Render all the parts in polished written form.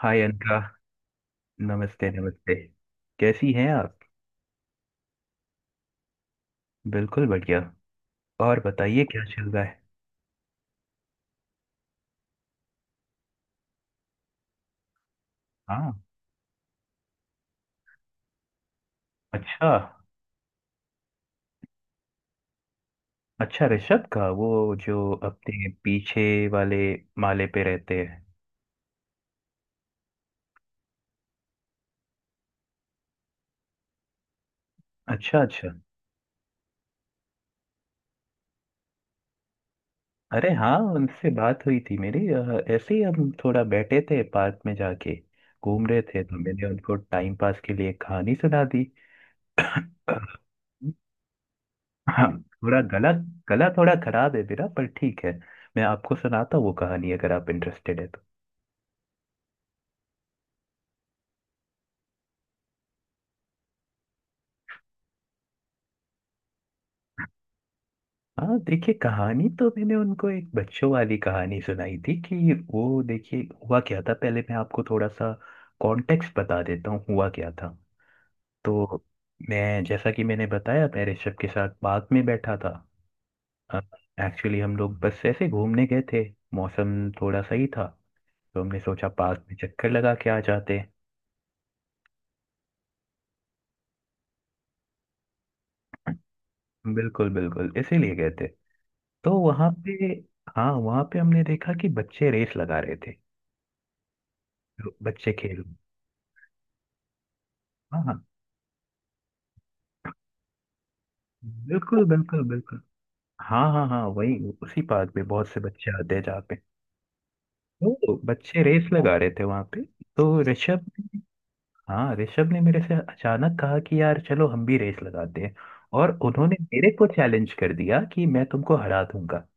हाय अनका। नमस्ते नमस्ते। कैसी हैं आप? बिल्कुल बढ़िया। और बताइए, क्या चल रहा है? हाँ। अच्छा, अच्छा ऋषभ का, वो जो अपने पीछे वाले माले पे रहते हैं। अच्छा अच्छा। अरे हाँ, उनसे बात हुई थी मेरी। ऐसे ही हम थोड़ा बैठे थे, पार्क में जाके घूम रहे थे, तो मैंने उनको टाइम पास के लिए एक कहानी सुना दी। हाँ, थोड़ा गला गला थोड़ा खराब है मेरा, पर ठीक है। मैं आपको सुनाता हूँ वो कहानी, अगर आप इंटरेस्टेड है तो। हाँ देखिए, कहानी तो मैंने उनको एक बच्चों वाली कहानी सुनाई थी कि वो देखिए, हुआ क्या था। पहले मैं आपको थोड़ा सा कॉन्टेक्स्ट बता देता हूँ, हुआ क्या था। तो मैं, जैसा कि मैंने बताया, मैं ऋषभ के साथ पार्क में बैठा था। एक्चुअली हम लोग बस ऐसे घूमने गए थे। मौसम थोड़ा सही था तो हमने सोचा पार्क में चक्कर लगा के आ जाते हैं। बिल्कुल बिल्कुल, इसीलिए गए थे। तो वहाँ पे, हाँ वहाँ पे हमने देखा कि बच्चे रेस लगा रहे थे। बच्चे खेल। हाँ हाँ। बिल्कुल बिल्कुल बिल्कुल। हाँ हाँ हाँ, वही। उसी पार्क में बहुत से बच्चे आते हैं, जहाँ पे, तो बच्चे रेस लगा रहे थे वहां पे। तो ऋषभ ने- हाँ ऋषभ ने मेरे से अचानक कहा कि यार चलो हम भी रेस लगाते हैं, और उन्होंने मेरे को चैलेंज कर दिया कि मैं तुमको हरा दूंगा।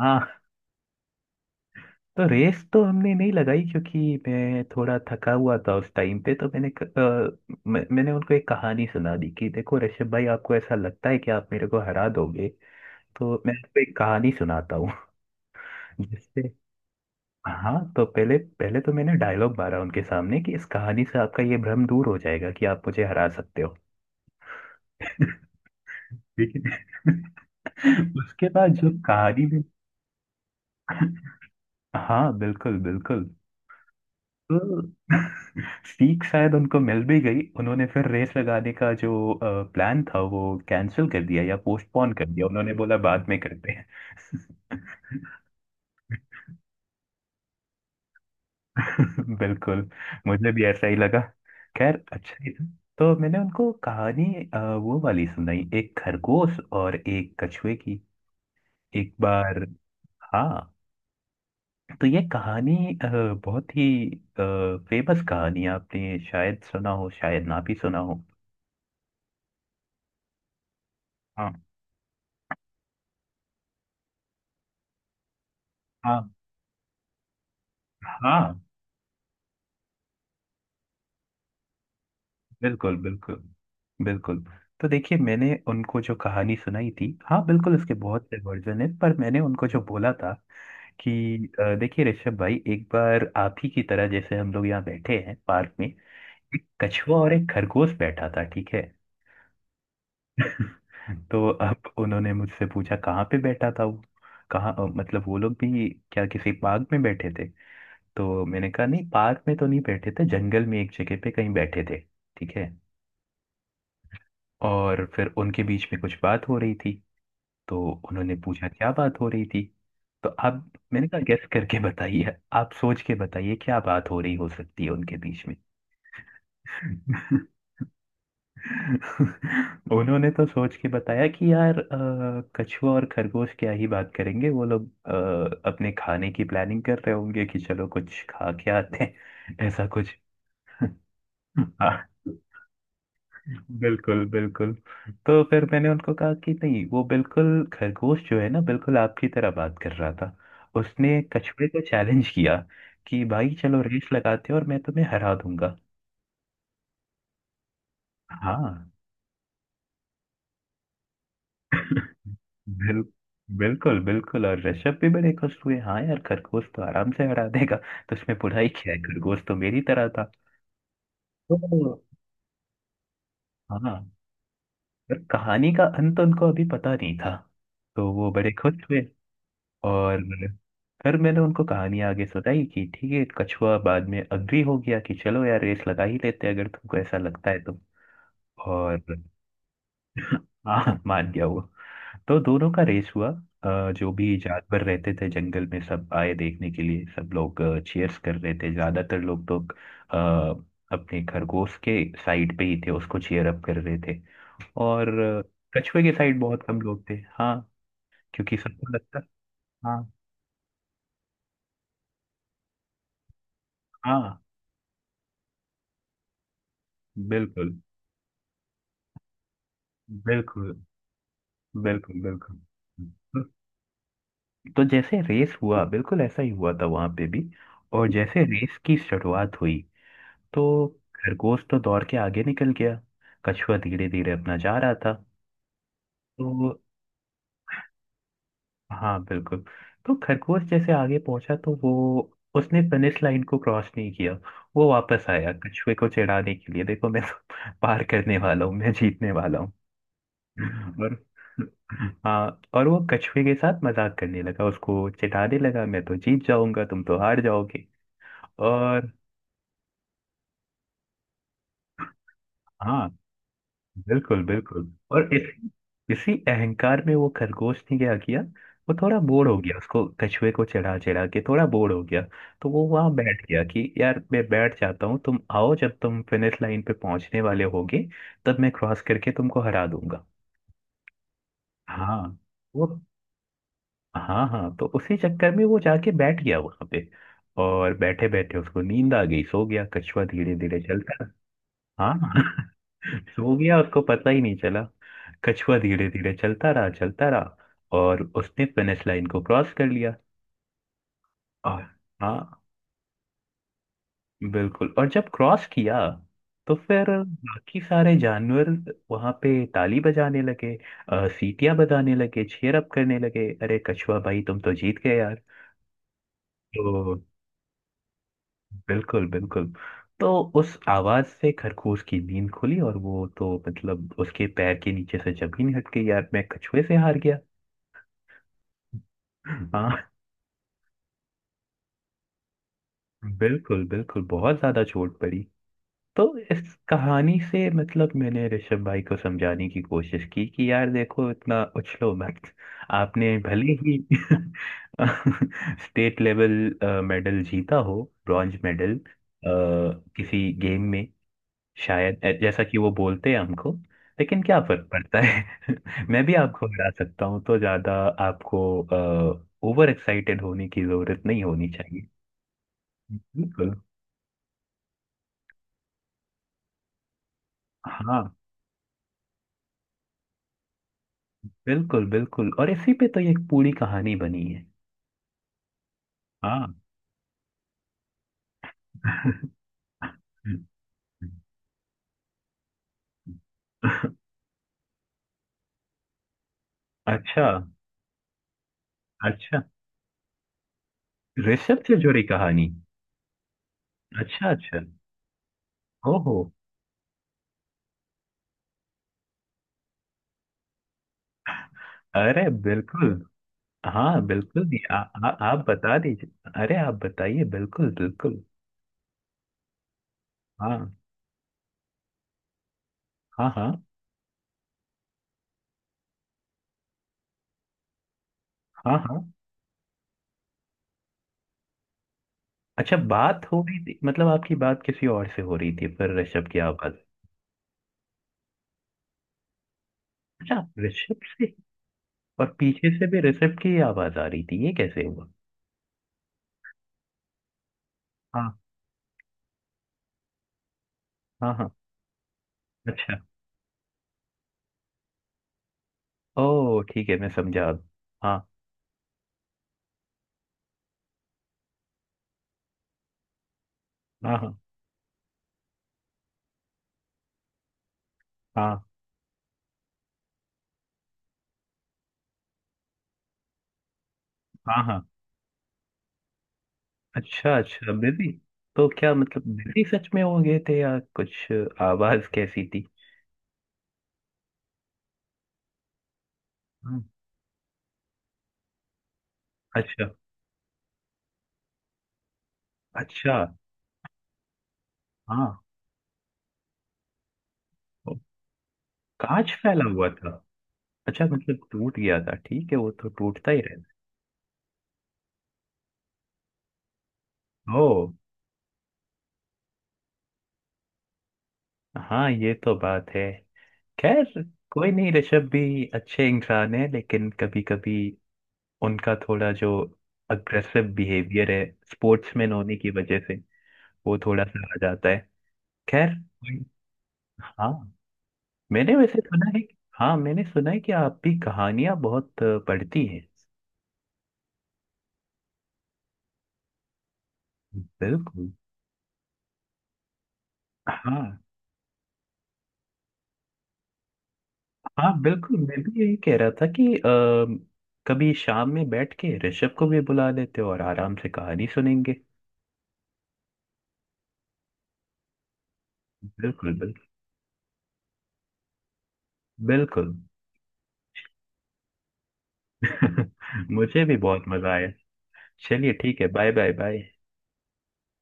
हाँ। तो रेस तो हमने नहीं लगाई, क्योंकि मैं थोड़ा थका हुआ था उस टाइम पे। तो मैंने क- मैं, मैंने उनको एक कहानी सुना दी कि देखो ऋषभ भाई, आपको ऐसा लगता है कि आप मेरे को हरा दोगे, तो मैं आपको एक कहानी सुनाता हूँ जिससे। हाँ तो, पहले पहले तो मैंने डायलॉग मारा उनके सामने कि इस कहानी से आपका ये भ्रम दूर हो जाएगा कि आप मुझे हरा सकते हो। ठीक है। उसके बाद जो कहानी में, हाँ बिल्कुल बिल्कुल। तो सीख शायद उनको मिल भी गई, उन्होंने फिर रेस लगाने का जो प्लान था वो कैंसिल कर दिया या पोस्टपोन कर दिया, उन्होंने बोला बाद में करते हैं। बिल्कुल, मुझे भी ऐसा ही लगा। खैर अच्छा ही था। तो मैंने उनको कहानी वो वाली सुनाई, एक खरगोश और एक कछुए की। एक बार, हाँ, तो ये कहानी अ, बहुत ही फेमस कहानी है, आपने शायद सुना हो, शायद ना भी सुना हो। हाँ हाँ हाँ। बिल्कुल बिल्कुल बिल्कुल। तो देखिए, मैंने उनको जो कहानी सुनाई थी, हाँ बिल्कुल इसके बहुत से वर्जन है, पर मैंने उनको जो बोला था कि देखिए ऋषभ भाई, एक बार आप ही की तरह, जैसे हम लोग यहाँ बैठे हैं पार्क में, एक कछुआ और एक खरगोश बैठा था, ठीक है। तो अब उन्होंने मुझसे पूछा कहाँ पे बैठा था वो, कहाँ, मतलब वो लोग भी क्या किसी पार्क में बैठे थे। तो मैंने कहा नहीं, पार्क में तो नहीं बैठे थे, जंगल में एक जगह पे कहीं बैठे थे, ठीक है। और फिर उनके बीच में कुछ बात हो रही थी, तो उन्होंने पूछा क्या बात हो रही थी। तो आप मैंने कहा गेस करके बताइए, आप सोच के बताइए क्या बात हो रही हो सकती है उनके बीच में। उन्होंने तो सोच के बताया कि यार कछुआ और खरगोश क्या ही बात करेंगे, वो लोग अपने खाने की प्लानिंग कर रहे होंगे कि चलो कुछ खा के आते हैं, ऐसा कुछ। बिल्कुल बिल्कुल। तो फिर मैंने उनको कहा कि नहीं, वो बिल्कुल, खरगोश जो है ना, बिल्कुल आपकी तरह बात कर रहा था, उसने कछुए को चैलेंज किया कि भाई चलो रेस लगाते हैं, और मैं तुम्हें हरा दूंगा। हाँ। बिल, बिल्कुल बिल्कुल, और ऋषभ भी बड़े खुश हुए, हाँ यार खरगोश तो आराम से हरा देगा, तो उसमें बुराई क्या है, खरगोश तो मेरी तरह था। तो हाँ, पर कहानी का अंत उनको अभी पता नहीं था, तो वो बड़े खुश हुए। और फिर मैंने उनको कहानी आगे सुनाई कि ठीक है, कछुआ बाद में अग्री हो गया कि चलो यार रेस लगा ही लेते हैं, अगर तुमको ऐसा लगता है तो। और हाँ, मान गया वो। तो दोनों का रेस हुआ। जो भी जानवर रहते थे जंगल में, सब आए देखने के लिए, सब लोग चीयर्स कर रहे थे। ज्यादातर लोग तो अपने खरगोश के साइड पे ही थे, उसको चीयर अप कर रहे थे। और कछुए के साइड बहुत कम लोग थे, हाँ, क्योंकि सबको लगता। हाँ हाँ। बिल्कुल बिल्कुल बिल्कुल बिल्कुल। तो जैसे रेस हुआ, बिल्कुल ऐसा ही हुआ था वहां पे भी। और जैसे रेस की शुरुआत हुई, तो खरगोश तो दौड़ के आगे निकल गया, कछुआ धीरे धीरे अपना जा रहा था। तो हाँ बिल्कुल। तो खरगोश जैसे आगे पहुंचा, तो वो, उसने फिनिश लाइन को क्रॉस नहीं किया, वो वापस आया कछुए को चिढ़ाने के लिए, देखो मैं तो पार करने वाला हूँ, मैं जीतने वाला हूँ। और हाँ, और वो कछुए के साथ मजाक करने लगा, उसको चिढ़ाने लगा, मैं तो जीत जाऊंगा, तुम तो हार जाओगे। और हाँ बिल्कुल बिल्कुल, और इस इसी अहंकार में वो खरगोश ने क्या किया, वो थोड़ा बोर हो गया, उसको कछुए को चढ़ा चढ़ा के थोड़ा बोर हो गया। तो वो वहां बैठ गया कि यार मैं बैठ जाता हूँ, तुम आओ, जब तुम फिनिश लाइन पे पहुंचने वाले होगे, तब मैं क्रॉस करके तुमको हरा दूंगा। हाँ। वो हाँ हाँ तो उसी चक्कर में वो जाके बैठ गया वहां पे, और बैठे बैठे उसको नींद आ गई, सो गया। कछुआ धीरे धीरे चलता, हाँ हाँ, सो गया, उसको पता ही नहीं चला। कछुआ धीरे धीरे चलता रहा, चलता रहा, और उसने फिनिश लाइन को क्रॉस कर लिया। और हाँ बिल्कुल, और जब क्रॉस किया, तो फिर बाकी सारे जानवर वहां पे ताली बजाने लगे, सीटियां बजाने लगे, चीयर अप करने लगे, अरे कछुआ भाई तुम तो जीत गए यार। तो बिल्कुल बिल्कुल। तो उस आवाज से खरगोश की नींद खुली, और वो तो, मतलब उसके पैर के नीचे से जमीन हट गई, यार मैं कछुए से हार गया। हाँ बिल्कुल बिल्कुल, बहुत ज्यादा चोट पड़ी। तो इस कहानी से, मतलब मैंने ऋषभ भाई को समझाने की कोशिश की कि यार देखो इतना उछलो मत, आपने भले ही स्टेट लेवल मेडल जीता हो, ब्रॉन्ज मेडल किसी गेम में, शायद ऐ- जैसा कि वो बोलते हैं हमको, लेकिन क्या फर्क पड़ता है। मैं भी आपको हरा सकता हूँ, तो ज्यादा आपको ओवर एक्साइटेड होने की जरूरत नहीं होनी चाहिए। बिल्कुल। हाँ बिल्कुल बिल्कुल, और इसी पे तो ये एक पूरी कहानी बनी है। हाँ। अच्छा अच्छा, ऋषभ से जुड़ी कहानी। अच्छा अच्छा। ओहो। अरे बिल्कुल, हाँ बिल्कुल जी, आ, आ, आप बता दीजिए, अरे आप बताइए, बिल्कुल बिल्कुल। हाँ हाँ। हाँ। हाँ हाँ। अच्छा, बात हो रही थी, मतलब आपकी बात किसी और से हो रही थी पर ऋषभ की आवाज। अच्छा, ऋषभ से, और पीछे से भी ऋषभ की आवाज आ रही थी, ये कैसे हुआ? हाँ हाँ। हाँ। अच्छा। ओ ठीक है, मैं समझा अब। हाँ। हाँ हाँ। हाँ हाँ। हाँ। अच्छा अच्छा, बिजी। तो क्या मतलब बिजी सच में हो गए थे या कुछ? आवाज कैसी थी? हम्म। अच्छा। अच्छा। हाँ। ओ, कांच फैला हुआ था। अच्छा, मतलब टूट गया था, ठीक है, वो तो टूटता ही रहता है। ओ। हाँ, ये तो बात है। खैर, कोई नहीं, ऋषभ भी अच्छे इंसान है, लेकिन कभी कभी उनका थोड़ा जो अग्रेसिव बिहेवियर है, स्पोर्ट्समैन होने की वजह से, वो थोड़ा सा आ जाता है। खैर कोई- हाँ, मैंने वैसे सुना है कि- हाँ मैंने सुना है कि आप भी कहानियां बहुत पढ़ती हैं। बिल्कुल। हाँ हाँ बिल्कुल, मैं भी यही कह रहा था कि कभी शाम में बैठ के ऋषभ को भी बुला लेते और आराम से कहानी सुनेंगे। बिल्कुल बिल्कुल। बिल्कुल। मुझे भी बहुत मजा आया। चलिए ठीक है, बाय बाय बाय।